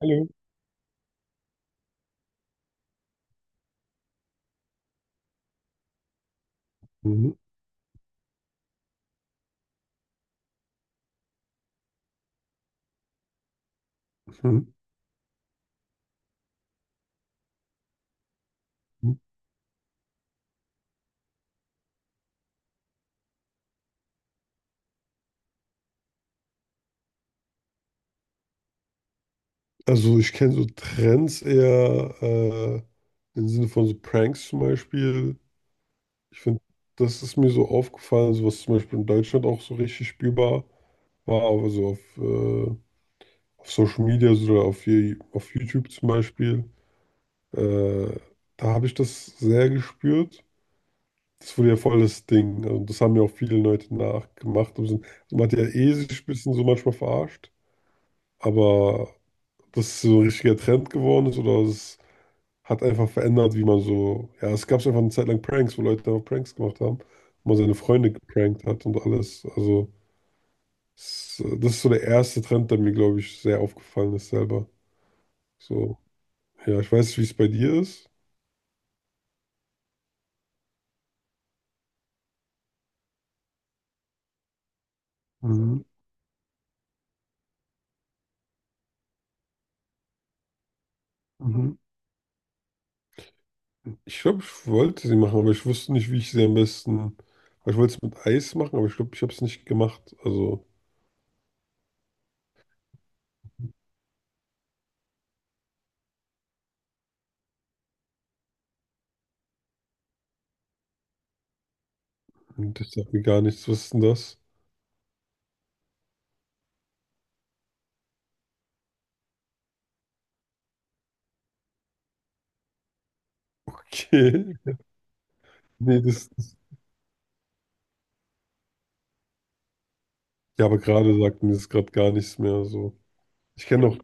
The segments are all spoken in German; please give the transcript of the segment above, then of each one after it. Hallo. Mhm. Mhm. Mhm. Also ich kenne so Trends eher im Sinne von so Pranks zum Beispiel. Ich finde, das ist mir so aufgefallen, so was zum Beispiel in Deutschland auch so richtig spürbar war, aber so auf Social Media so oder auf, auf YouTube zum Beispiel. Äh, Da habe ich das sehr gespürt. Das wurde ja voll das Ding. Also das haben ja auch viele Leute nachgemacht. Also man hat ja eh sich ein bisschen so manchmal verarscht, aber dass es so ein richtiger Trend geworden ist, oder es hat einfach verändert, wie man so, ja, es gab einfach eine Zeit lang Pranks, wo Leute einfach Pranks gemacht haben, wo man seine Freunde geprankt hat und alles. Also, das ist so der erste Trend, der mir, glaube ich, sehr aufgefallen ist selber. So, ja, ich weiß nicht, wie es bei dir ist. Mhm. Mhm. Ich glaube, ich wollte sie machen, aber ich wusste nicht, wie ich sie am besten. Weil ich wollte es mit Eis machen, aber ich glaube, ich habe es nicht gemacht. Also, das sagt mir gar nichts. Was ist denn das? Okay. Nee, das. Ja, aber gerade sagt mir das gerade gar nichts mehr. So. Ich kenne noch.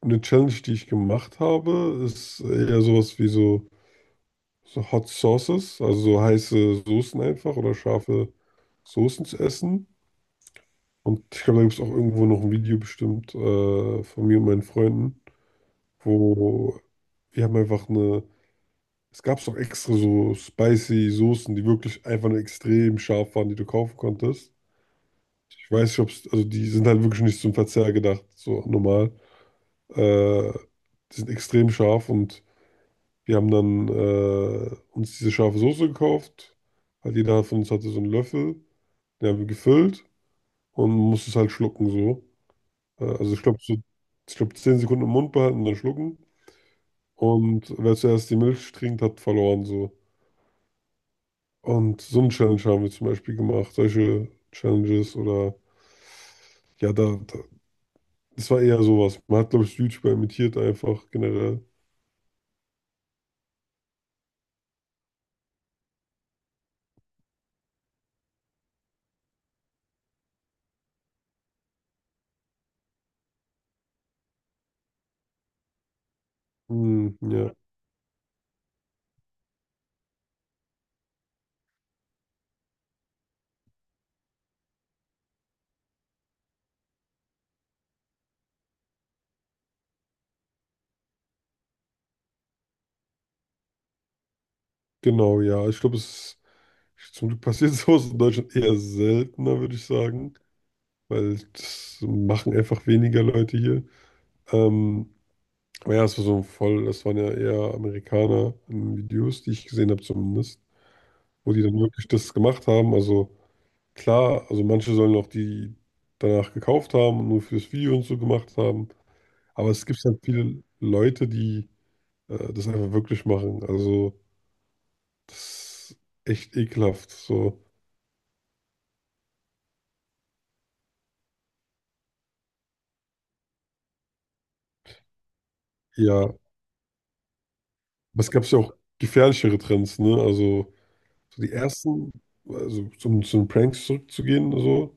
Eine Challenge, die ich gemacht habe, ist eher sowas wie so, so Hot Sauces, also so heiße Soßen einfach oder scharfe Soßen zu essen. Und ich glaube, da gibt es auch irgendwo noch ein Video bestimmt von mir und meinen Freunden, wo wir haben einfach eine, es gab doch extra so spicy Soßen, die wirklich einfach nur extrem scharf waren, die du kaufen konntest. Ich weiß nicht, ob es, also die sind halt wirklich nicht zum Verzehr gedacht, so normal. Äh, Die sind extrem scharf und wir haben dann uns diese scharfe Soße gekauft. Halt jeder von uns hatte so einen Löffel. Den haben wir gefüllt und musste es halt schlucken so. Also ich glaube so, ich glaube 10 Sekunden im Mund behalten und dann schlucken. Und wer zuerst die Milch trinkt, hat verloren so. Und so eine Challenge haben wir zum Beispiel gemacht. Solche Challenges oder ja, da das war eher sowas. Man hat, glaube ich, YouTuber imitiert einfach generell. Hm, ja, genau, ja. Ich glaube, es Zum Glück passiert sowas in Deutschland eher seltener, würde ich sagen, weil das machen einfach weniger Leute hier. Ähm, aber ja, es war so ein voll, das waren ja eher Amerikaner in Videos, die ich gesehen habe zumindest, wo die dann wirklich das gemacht haben. Also klar, also manche sollen auch die danach gekauft haben und nur fürs Video und so gemacht haben. Aber es gibt halt viele Leute, die das einfach wirklich machen. Also das ist echt ekelhaft. So, ja, aber es gab ja auch gefährlichere Trends, ne? Also so die ersten, also zum, zu den Pranks zurückzugehen, so,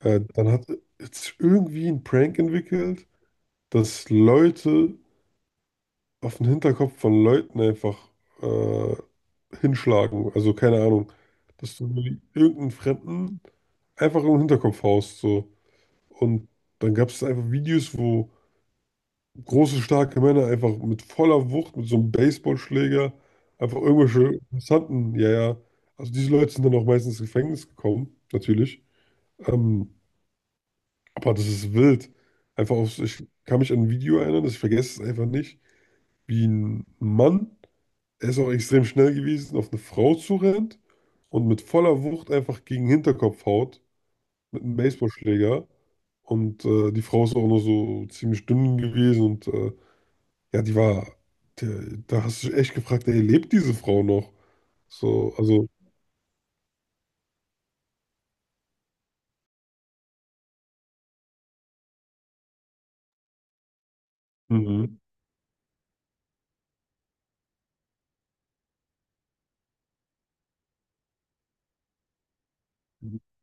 dann hat jetzt irgendwie ein Prank entwickelt, dass Leute auf den Hinterkopf von Leuten einfach äh, hinschlagen. Also keine Ahnung, dass du irgendeinen Fremden einfach im Hinterkopf haust, so. Und dann gab es einfach Videos, wo große, starke Männer einfach mit voller Wucht, mit so einem Baseballschläger, einfach irgendwelche interessanten, ja, ja. Also diese Leute sind dann auch meistens ins Gefängnis gekommen, natürlich. Ähm, aber das ist wild. Einfach auf, ich kann mich an ein Video erinnern, das ich vergesse es einfach nicht, wie ein Mann, er ist auch extrem schnell gewesen, auf eine Frau zurennt und mit voller Wucht einfach gegen den Hinterkopf haut, mit einem Baseballschläger. Und die Frau ist auch nur so ziemlich dünn gewesen und ja, die, da hast du dich echt gefragt, ey, lebt diese Frau noch? So, also, mhm,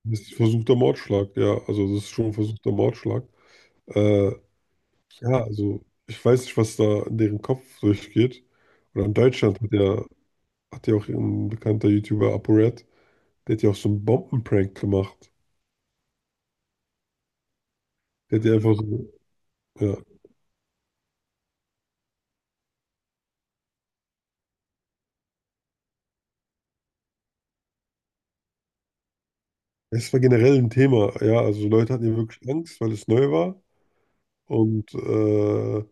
das ist versuchter Mordschlag, ja, also das ist schon ein versuchter Mordschlag. Äh, ja, also, ich weiß nicht, was da in deren Kopf durchgeht. Oder in Deutschland hat ja auch ein bekannter YouTuber, ApoRed, der hat ja auch so einen Bombenprank gemacht. Der hat ja einfach so, ja. Es war generell ein Thema, ja, also Leute hatten ja wirklich Angst, weil es neu war. Und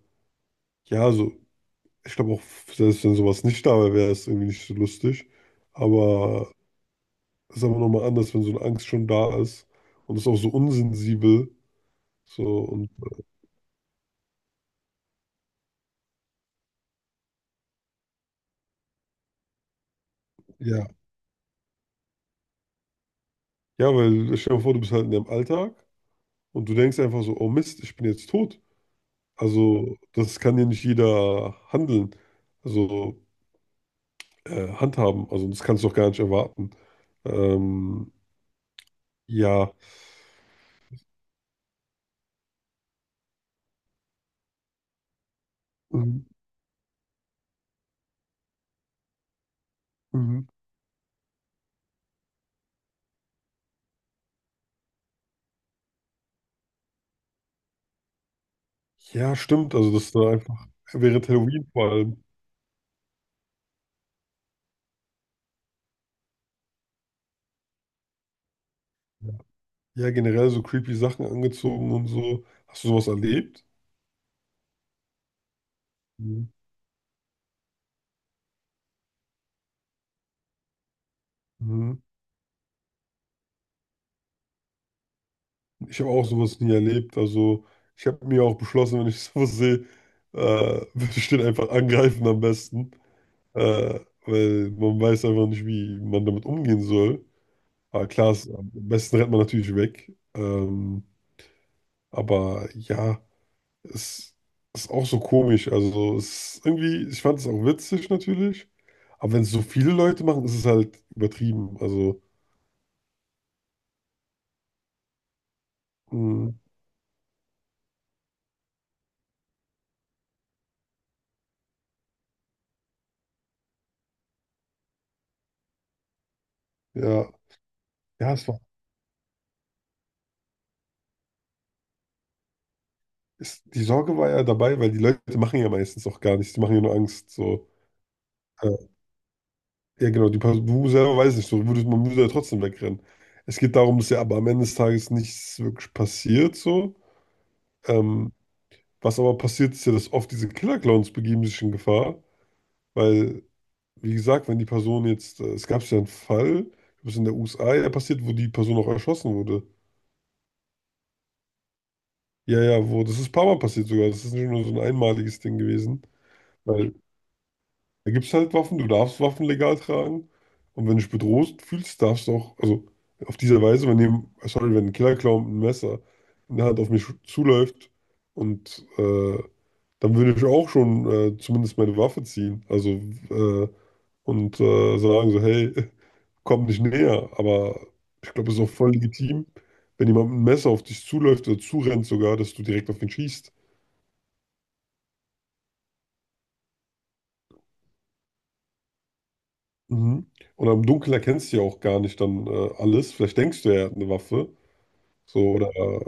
ja, so ich glaube auch, selbst wenn sowas nicht da wäre, wäre es irgendwie nicht so lustig. Aber es ist aber nochmal anders, wenn so eine Angst schon da ist und es ist auch so unsensibel. So und ja. Ja, weil stell dir mal vor, du bist halt in deinem Alltag und du denkst einfach so, oh Mist, ich bin jetzt tot. Also, das kann ja nicht jeder handeln, also handhaben. Also, das kannst du doch gar nicht erwarten. Ähm, ja. Mhm. Mhm. Ja, stimmt. Also, das ist da einfach wäre Halloween vor allem. Ja, generell so creepy Sachen angezogen und so. Hast du sowas erlebt? Mhm. Mhm. Ich habe auch sowas nie erlebt. Also ich habe mir auch beschlossen, wenn ich sowas sehe, äh, würde ich den einfach angreifen am besten. Äh, Weil man weiß einfach nicht, wie man damit umgehen soll. Aber klar, es, am besten rennt man natürlich weg. Aber ja, es ist auch so komisch. Also es ist irgendwie, ich fand es auch witzig natürlich. Aber wenn es so viele Leute machen, ist es halt übertrieben. Also mh, ja, ja, es war, es, die Sorge war ja dabei, weil die Leute machen ja meistens auch gar nichts, die machen ja nur Angst. So. Äh, ja, genau, die Person, du selber weiß nicht, so, du würdest, man würde ja trotzdem wegrennen. Es geht darum, dass ja aber am Ende des Tages nichts wirklich passiert, so. Ähm, Was aber passiert, ist ja, dass oft diese Killer-Clowns begeben sich in Gefahr, weil, wie gesagt, wenn die Person jetzt, es gab ja einen Fall, ich glaube, es ist in der USA ja passiert, wo die Person auch erschossen wurde. Ja, ja, wo, das ist ein paar Mal passiert sogar, das ist nicht nur so ein einmaliges Ding gewesen. Weil da gibt es halt Waffen, du darfst Waffen legal tragen. Und wenn du dich bedroht fühlst, darfst du auch, also auf diese Weise, wenn jemand, sorry, wenn ein Killer-Clown mit einem Messer in der Hand auf mich zuläuft und dann würde ich auch schon zumindest meine Waffe ziehen. Also äh, und sagen so, hey, komm nicht näher. Aber ich glaube, es ist auch voll legitim, wenn jemand mit einem Messer auf dich zuläuft oder zurennt sogar, dass du direkt auf ihn schießt. Mhm. Und am Dunkeln erkennst du ja auch gar nicht dann alles. Vielleicht denkst du, er hat eine Waffe. So, oder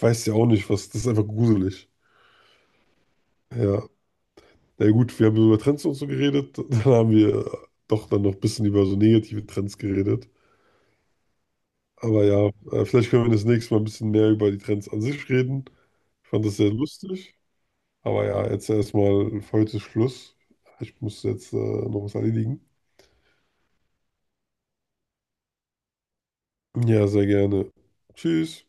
weiß ja auch nicht, was. Das ist einfach gruselig. Ja. Na gut, wir haben so über Trends und so geredet. Dann haben wir doch dann noch ein bisschen über so negative Trends geredet. Aber ja, vielleicht können wir das nächste Mal ein bisschen mehr über die Trends an sich reden. Ich fand das sehr lustig. Aber ja, jetzt erstmal für heute Schluss. Ich muss jetzt noch was erledigen. Ja, sehr gerne. Tschüss.